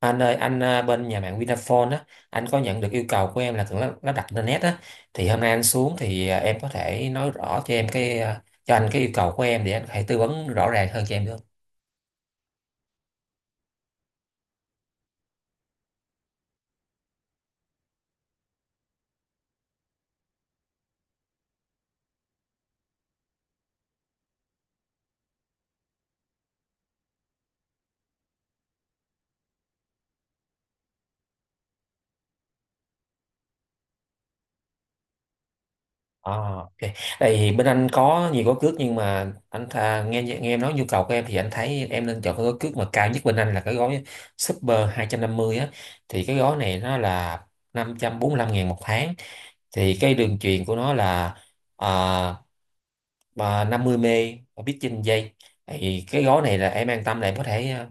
Anh ơi, anh à, bên nhà mạng Vinaphone á, anh có nhận được yêu cầu của em là cần lắp lắp đặt internet á, thì hôm nay anh xuống thì em có thể nói rõ cho em cái cho anh cái yêu cầu của em để anh có thể tư vấn rõ ràng hơn cho em được không? À, ok. Tại vì bên anh có nhiều gói cước nhưng mà nghe nghe em nói nhu cầu của em thì anh thấy em nên chọn cái gói cước mà cao nhất bên anh là cái gói Super 250 á, thì cái gói này nó là 545 ngàn một tháng. Thì cái đường truyền của nó là à, mà 50 mê và biết trên giây, thì cái gói này là em an tâm là em có thể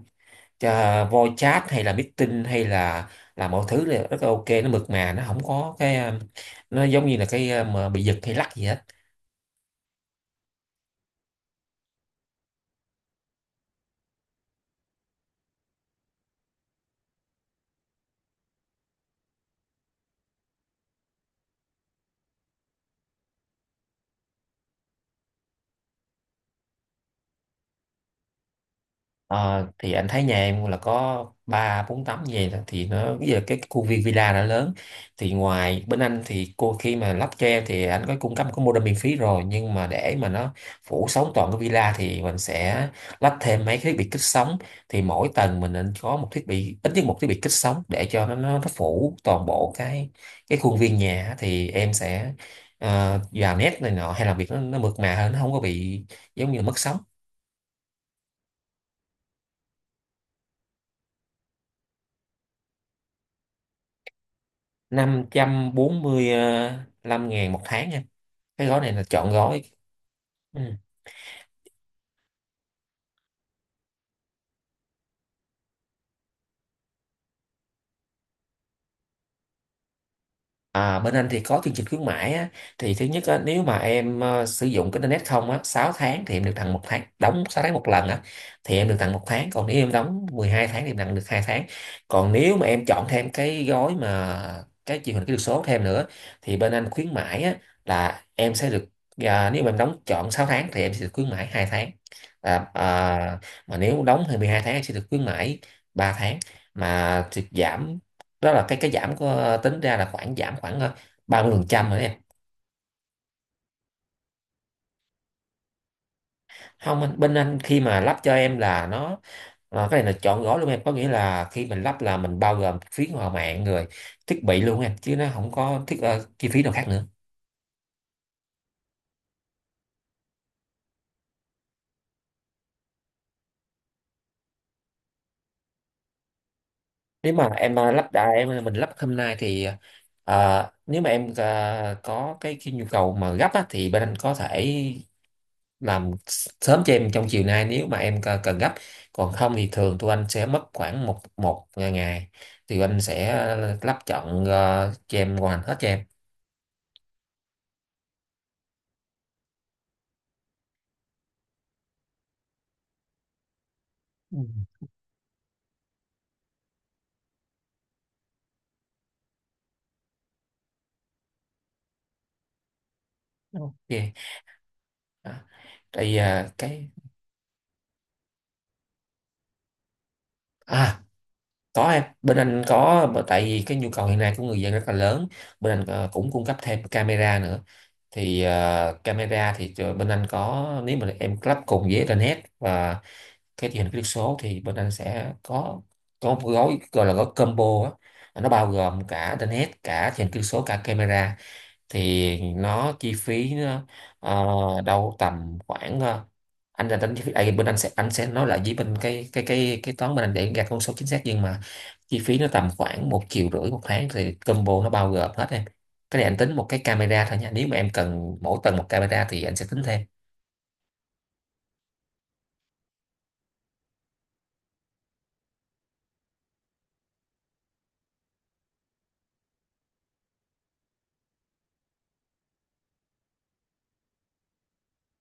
cho voice chat hay là meeting hay là mọi thứ là rất là ok, nó mượt mà, nó không có cái nó giống như là cái mà bị giật hay lắc gì hết. Ờ, thì anh thấy nhà em là có ba bốn tấm như vậy đó, thì nó bây giờ cái khu viên villa đã lớn, thì ngoài bên anh thì cô khi mà lắp cho em thì anh có cung cấp có modem miễn phí rồi, nhưng mà để mà nó phủ sóng toàn cái villa thì mình sẽ lắp thêm mấy cái thiết bị kích sóng. Thì mỗi tầng mình nên có một thiết bị, ít nhất một thiết bị kích sóng để cho nó phủ toàn bộ cái khuôn viên nhà á. Thì em sẽ vào nét này nọ hay làm việc nó mượt mà hơn, nó không có bị giống như là mất sóng. 545 ngàn một tháng em, cái gói này là chọn gói. Ừ. À, bên anh thì có chương trình khuyến mãi á, thì thứ nhất á, nếu mà em sử dụng cái internet không á 6 tháng thì em được tặng một tháng, đóng 6 tháng một lần á thì em được tặng một tháng, còn nếu em đóng 12 tháng thì em tặng được hai tháng. Còn nếu mà em chọn thêm cái gói mà cái truyền hình kỹ thuật số thêm nữa thì bên anh khuyến mãi á, là em sẽ được nếu mà em đóng chọn 6 tháng thì em sẽ được khuyến mãi 2 tháng, à, à, mà nếu đóng thì 12 tháng em sẽ được khuyến mãi 3 tháng. Mà thì giảm, đó là cái giảm của, tính ra là khoảng giảm khoảng 30% rồi đó em. Không anh- Bên anh khi mà lắp cho em là nó cái này là chọn gói luôn em, có nghĩa là khi mình lắp là mình bao gồm phí hòa mạng rồi, thiết bị luôn em, chứ nó không có chi phí nào khác nữa. Nếu mà em lắp đã em mình lắp hôm nay thì nếu mà em có cái nhu cầu mà gấp á, thì bên anh có thể làm sớm cho em trong chiều nay nếu mà em cần gấp. Còn không thì thường tụi anh sẽ mất khoảng một một ngày thì anh sẽ cho em hoàn hết cho em. Ừ. Ok. Đó. Thì à, cái À, có em, bên anh có tại vì cái nhu cầu hiện nay của người dân rất là lớn, bên anh cũng cung cấp thêm camera nữa. Thì bên anh có, nếu mà em lắp cùng với internet và cái truyền hình kỹ thuật số thì bên anh sẽ có một gói gọi là gói combo á, nó bao gồm cả internet, cả truyền hình kỹ thuật số, cả camera. Thì nó chi phí ờ, đâu tầm khoảng anh là tính chi phí bên anh sẽ, anh sẽ nói lại với bên cái toán bên anh để gạt con số chính xác, nhưng mà chi phí nó tầm khoảng một triệu rưỡi một tháng, thì combo nó bao gồm hết em. Cái này anh tính một cái camera thôi nha, nếu mà em cần mỗi tầng một camera thì anh sẽ tính thêm.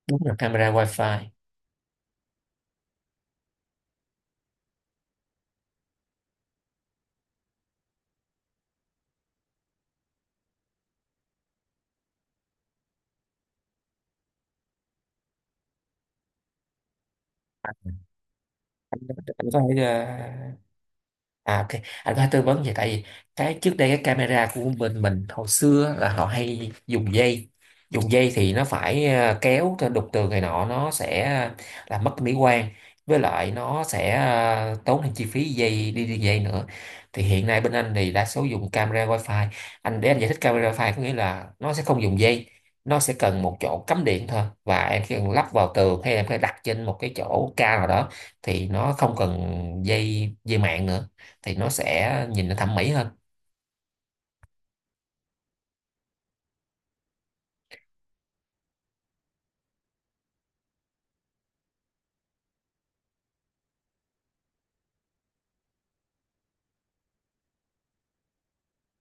Đúng là camera wifi. anh, anh có thể à, ok, anh có thể tư vấn vậy. Tại vì cái trước đây cái camera của bên mình hồi xưa là họ hay dùng dây. Dùng dây thì nó phải kéo cho đục tường này nọ, nó sẽ làm mất mỹ quan, với lại nó sẽ tốn thêm chi phí dây, đi đi dây nữa. Thì hiện nay bên anh thì đa số dùng camera wifi. Anh để anh giải thích, camera wifi có nghĩa là nó sẽ không dùng dây, nó sẽ cần một chỗ cắm điện thôi, và em chỉ cần lắp vào tường hay em phải đặt trên một cái chỗ cao nào đó, thì nó không cần dây dây mạng nữa, thì nó sẽ nhìn nó thẩm mỹ hơn.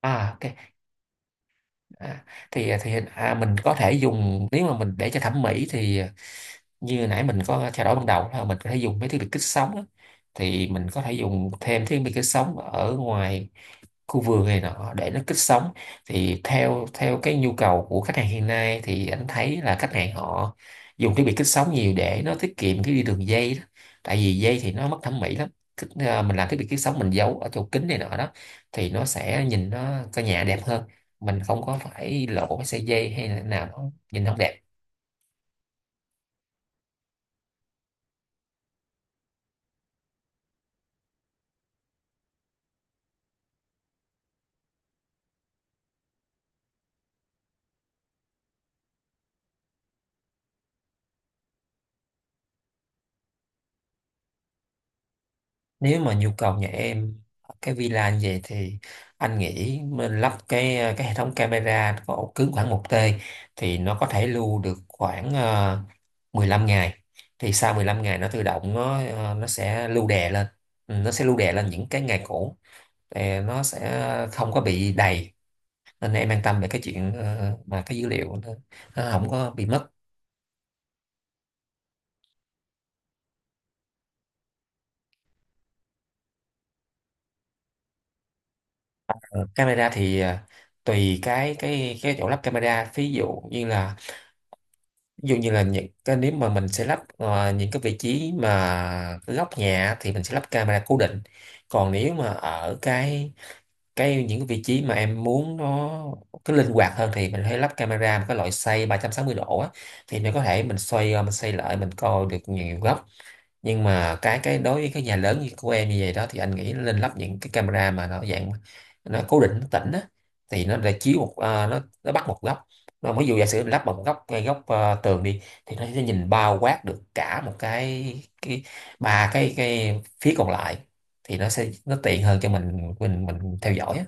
À ok. à, mình có thể dùng, nếu mà mình để cho thẩm mỹ thì như nãy mình có trao đổi ban đầu là mình có thể dùng mấy thiết bị kích sóng á. Thì mình có thể dùng thêm thiết bị kích sóng ở ngoài khu vườn này nọ để nó kích sống. Thì theo theo cái nhu cầu của khách hàng hiện nay thì anh thấy là khách hàng họ dùng thiết bị kích sống nhiều để nó tiết kiệm cái đi đường dây đó, tại vì dây thì nó mất thẩm mỹ lắm. Mình làm thiết bị kích sống mình giấu ở chỗ kính này nọ đó, thì nó sẽ nhìn nó căn nhà đẹp hơn, mình không có phải lộ cái sợi dây hay là nào nó nhìn không đẹp. Nếu mà nhu cầu nhà em ở cái villa như vậy thì anh nghĩ mình lắp cái hệ thống camera có ổ cứng khoảng một tê, thì nó có thể lưu được khoảng 15 ngày, thì sau 15 ngày nó tự động nó sẽ lưu đè lên. Ừ, nó sẽ lưu đè lên những cái ngày cũ, thì nó sẽ không có bị đầy, nên em an tâm về cái chuyện mà cái dữ liệu nó không có bị mất. Camera thì tùy cái chỗ lắp camera, ví dụ như là những cái, nếu mà mình sẽ lắp những cái vị trí mà góc nhà thì mình sẽ lắp camera cố định. Còn nếu mà ở cái những cái vị trí mà em muốn nó cái linh hoạt hơn thì mình hãy lắp camera một cái loại xoay 360 độ á, thì mình có thể mình xoay mình xoay lại mình coi được nhiều góc. Nhưng mà cái đối với cái nhà lớn như của em như vậy đó thì anh nghĩ nên lắp những cái camera mà nó dạng cố định, nó tĩnh á, thì nó để chiếu một nó bắt một góc. Nó ví dụ giả sử mình lắp một góc ngay góc tường đi, thì nó sẽ nhìn bao quát được cả một cái ba cái phía còn lại, thì nó sẽ nó tiện hơn cho mình theo dõi á.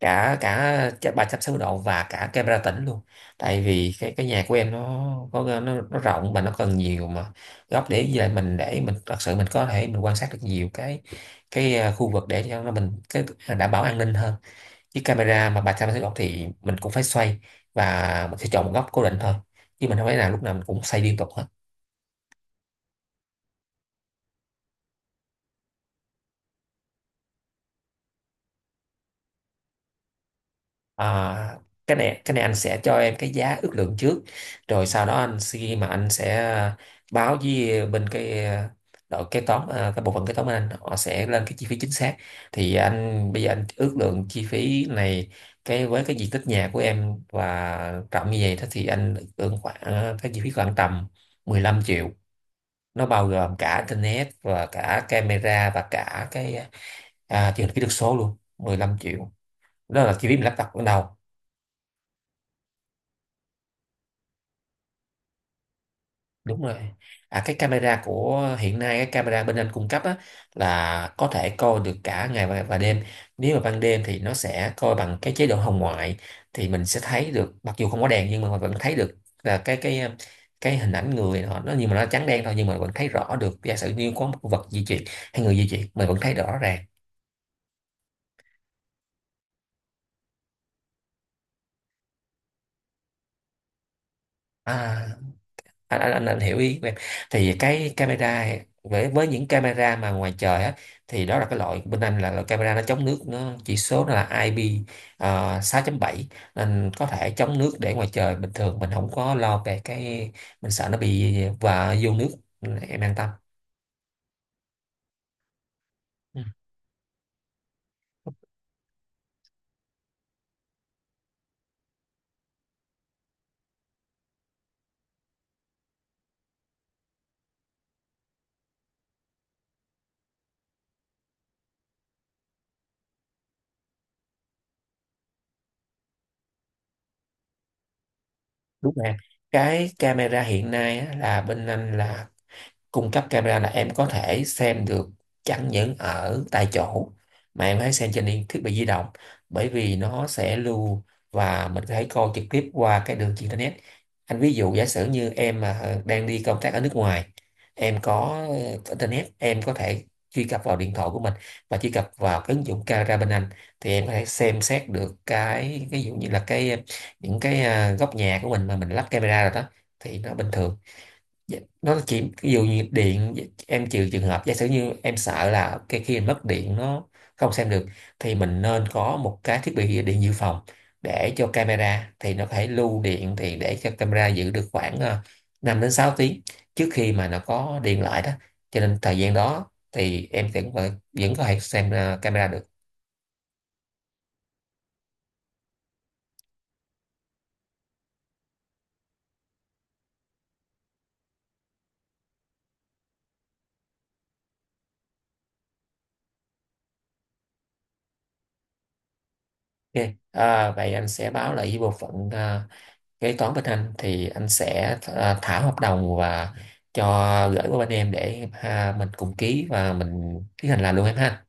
Cả cả ch- 360 độ và cả camera tĩnh luôn, tại vì cái nhà của em nó rộng mà nó cần nhiều mà góc để, với lại mình để mình thật sự mình có thể mình quan sát được nhiều khu vực để cho mình cái đảm bảo an ninh hơn. Chứ camera mà 360 độ thì mình cũng phải xoay và mình sẽ chọn một góc cố định thôi, chứ mình không phải là lúc nào mình cũng xoay liên tục hết. À, cái này anh sẽ cho em cái giá ước lượng trước, rồi sau đó khi mà anh sẽ báo với bên cái đội kế toán, cái bộ phận kế toán bên anh họ sẽ lên cái chi phí chính xác. Thì anh bây giờ anh ước lượng chi phí này, cái với cái diện tích nhà của em và rộng như vậy đó thì anh ước lượng khoảng cái chi phí khoảng tầm 15 triệu, nó bao gồm cả internet và cả camera và cả cái truyền hình kỹ thuật số luôn, 15 triệu. Đó là chi phí mình lắp đặt ban đầu. Đúng rồi. À, cái camera của hiện nay cái camera bên anh cung cấp á, là có thể coi được cả ngày và đêm. Nếu mà ban đêm thì nó sẽ coi bằng cái chế độ hồng ngoại, thì mình sẽ thấy được mặc dù không có đèn nhưng mà vẫn thấy được là cái hình ảnh người họ nó, nhưng mà nó trắng đen thôi, nhưng mà vẫn thấy rõ được. Giả sử như có một vật di chuyển hay người di chuyển mình vẫn thấy rõ ràng. À, anh hiểu ý của em. Thì cái camera, với những camera mà ngoài trời á, thì đó là cái loại bên anh là loại camera nó chống nước, nó chỉ số nó là IP 6.7, nên có thể chống nước để ngoài trời bình thường, mình không có lo về cái mình sợ nó bị và vô nước, em an tâm. Ừ, đúng rồi em. Cái camera hiện nay á, là bên anh là cung cấp camera là em có thể xem được chẳng những ở tại chỗ mà em hãy xem trên thiết bị di động, bởi vì nó sẽ lưu và mình có thể coi trực tiếp qua cái đường internet. Anh ví dụ giả sử như em mà đang đi công tác ở nước ngoài, em có internet, em có thể truy cập vào điện thoại của mình và truy cập vào cái ứng dụng camera bên anh, thì em có thể xem xét được cái ví dụ như là những cái góc nhà của mình mà mình lắp camera rồi đó, thì nó bình thường. Dạ, đó là chỉ ví dụ như điện, dạ, em chịu trường hợp giả sử như em sợ là cái khi mình mất điện nó không xem được, thì mình nên có một cái thiết bị điện dự phòng để cho camera, thì nó có thể lưu điện thì để cho camera giữ được khoảng 5 đến 6 tiếng trước khi mà nó có điện lại đó, cho nên thời gian đó thì em vẫn vẫn có thể xem camera được. Ok, à, vậy anh sẽ báo lại với bộ phận kế toán bên anh, thì anh sẽ thả hợp đồng và cho gửi qua bên em để ha, mình cùng ký và mình tiến hành làm luôn em ha.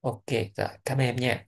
Ok, rồi cảm ơn em nha.